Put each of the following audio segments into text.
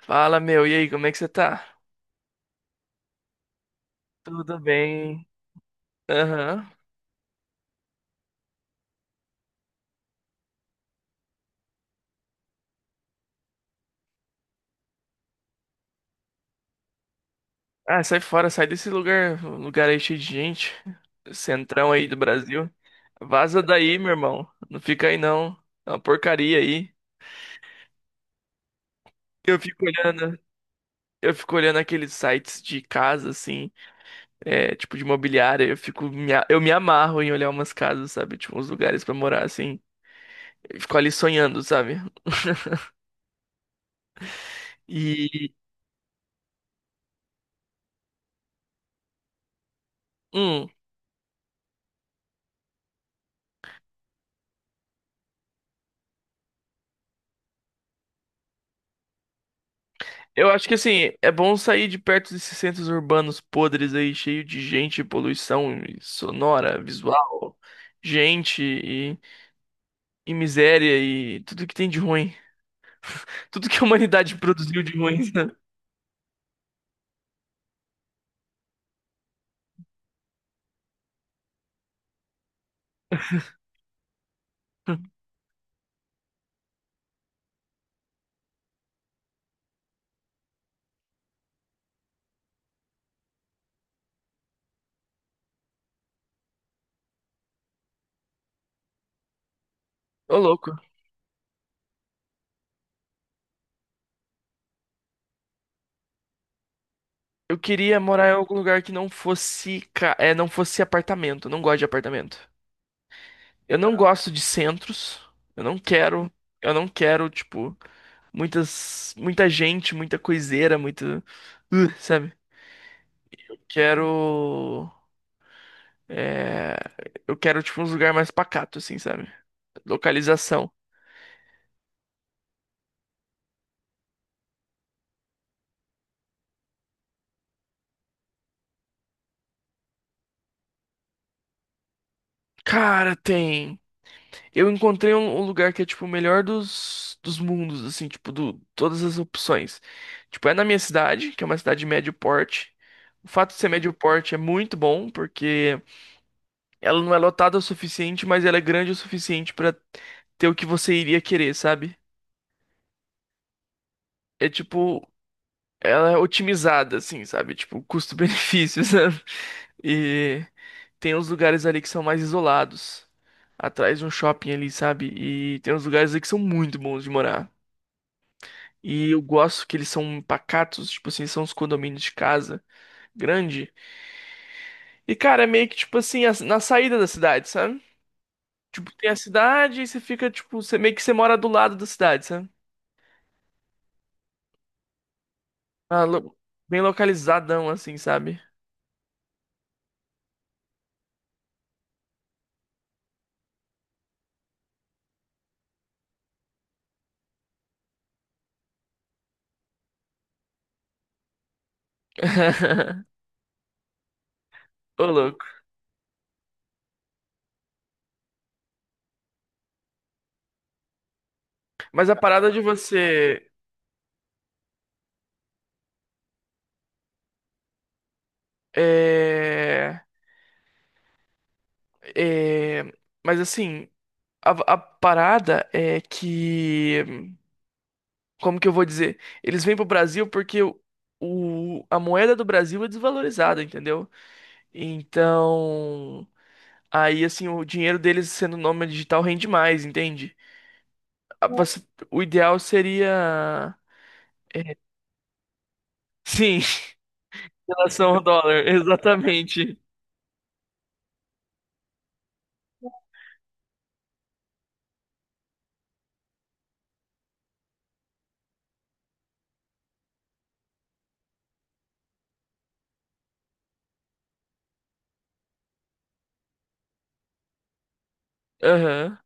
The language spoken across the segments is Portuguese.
Fala, meu, e aí, como é que você tá? Tudo bem? Aham. Ah, sai fora, sai desse lugar, lugar aí cheio de gente. Centrão aí do Brasil. Vaza daí, meu irmão. Não fica aí não. É uma porcaria aí. Eu fico olhando, eu fico olhando aqueles sites de casa, assim, é, tipo de imobiliária. Eu me amarro em olhar umas casas, sabe? Tipo, uns lugares pra morar, assim. Eu fico ali sonhando, sabe? E. hum, Eu acho que assim, é bom sair de perto desses centros urbanos podres aí, cheio de gente, poluição sonora, visual, gente e miséria e tudo que tem de ruim. Tudo que a humanidade produziu de ruim, sabe? Ô, louco. Eu queria morar em algum lugar que não fosse, não fosse apartamento. Eu não gosto de apartamento. Eu não gosto de centros. Eu não quero, eu não quero, tipo, muita gente, muita coiseira, muito, sabe? Quero Eu quero, tipo, uns lugar mais pacato, assim, sabe? Localização. Cara, tem. Eu encontrei um, um lugar que é, tipo, o melhor dos mundos, assim, tipo, do, todas as opções. Tipo, é na minha cidade, que é uma cidade de médio porte. O fato de ser médio porte é muito bom, porque ela não é lotada o suficiente, mas ela é grande o suficiente pra ter o que você iria querer, sabe? É tipo, ela é otimizada, assim, sabe? Tipo, custo-benefício, sabe? E tem uns lugares ali que são mais isolados, atrás de um shopping ali, sabe? E tem uns lugares ali que são muito bons de morar. E eu gosto que eles são pacatos, tipo assim, são uns condomínios de casa grande. E, cara, é meio que, tipo assim, na saída da cidade, sabe? Tipo, tem a cidade e você fica, tipo, você meio que você mora do lado da cidade, sabe? Ah, lo- Bem localizadão, assim, sabe? Ô, louco. Mas a parada de você. É. É. Mas assim. A parada é que, como que eu vou dizer? Eles vêm pro Brasil porque a moeda do Brasil é desvalorizada, entendeu? Então, aí assim, o dinheiro deles sendo nômade digital rende mais, entende? A- você- O ideal seria, sim, em relação ao dólar, exatamente. Aham.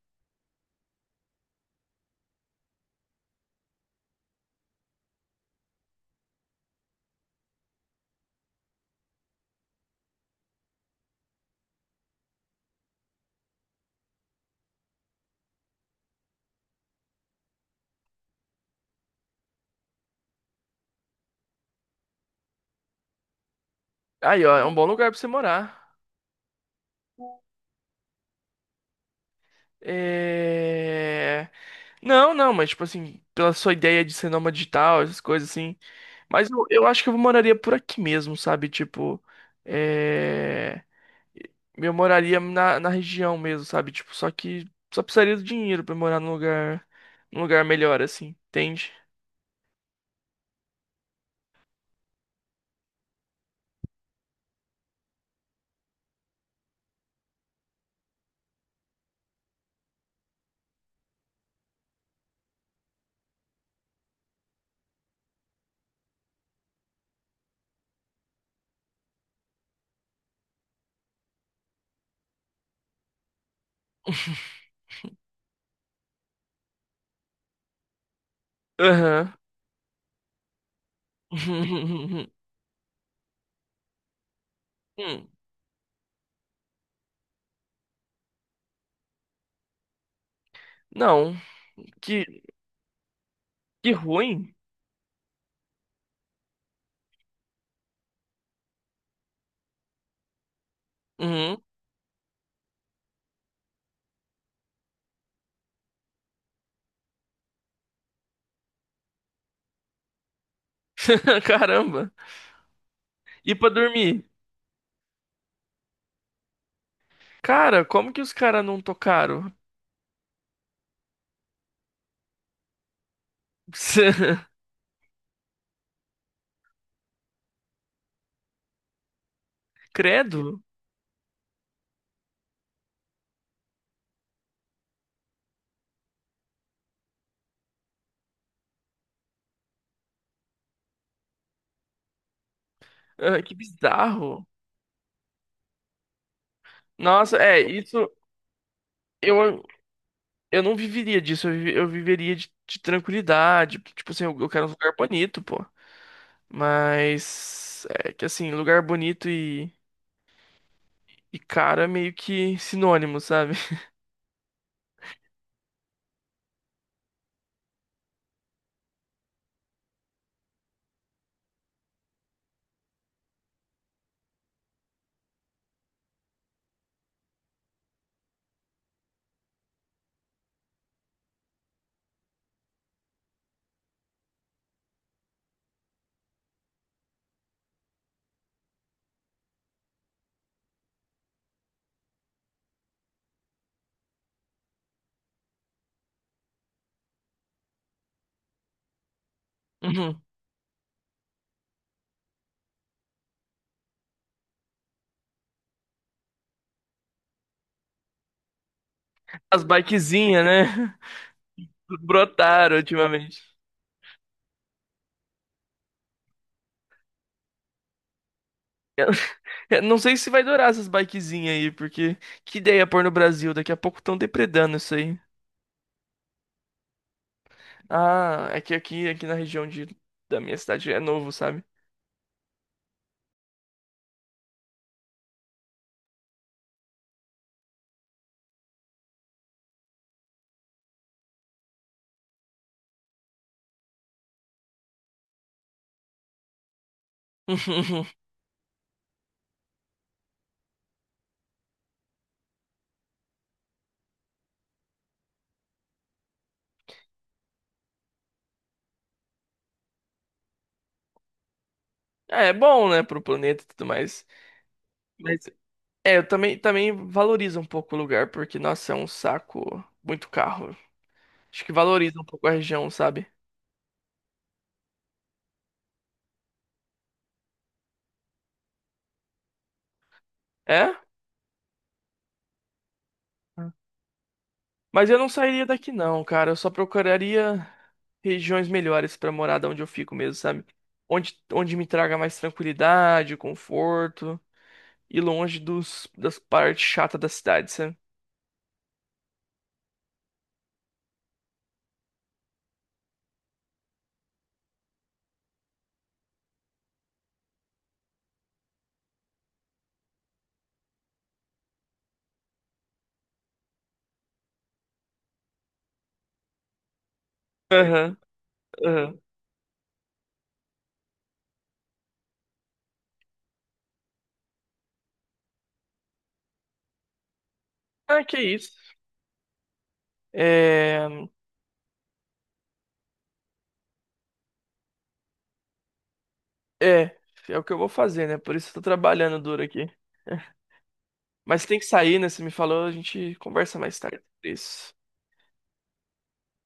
Aí, ó, é um bom lugar pra você morar. É... Não, não, mas tipo assim, pela sua ideia de ser nômade digital, essas coisas assim. Mas eu acho que eu moraria por aqui mesmo, sabe? Tipo, é... eu moraria na região mesmo, sabe? Tipo, só que só precisaria do dinheiro pra morar num lugar melhor, assim, entende? Aham. Hum, Não, que, que ruim. Uhum. Caramba. E pra dormir? Cara, como que os caras não tocaram? Credo. Ah, que bizarro. Nossa, é, eu, eu não viveria disso, eu viveria de tranquilidade. Tipo assim, eu quero um lugar bonito, pô. Mas é que assim, lugar bonito e caro é meio que sinônimo, sabe? Uhum. As bikezinhas, né? Brotaram ultimamente. É, não sei se vai durar essas bikezinhas aí, porque que ideia pôr no Brasil? Daqui a pouco estão depredando isso aí. Ah, é que aqui, aqui na região de, da minha cidade é novo, sabe? É, é bom, né, pro planeta e tudo mais. É, eu também, também valorizo um pouco o lugar, porque, nossa, é um saco muito carro. Acho que valoriza um pouco a região, sabe? É? Mas eu não sairia daqui, não, cara. Eu só procuraria regiões melhores pra morar da onde eu fico mesmo, sabe? Onde, onde me traga mais tranquilidade, conforto e longe das partes chatas da cidade, sabe? Aham, aham. Ah, que isso. É, é, é o que eu vou fazer, né? Por isso eu tô trabalhando duro aqui. Mas tem que sair, né? Você me falou, a gente conversa mais tarde sobre isso.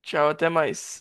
Tchau, até mais.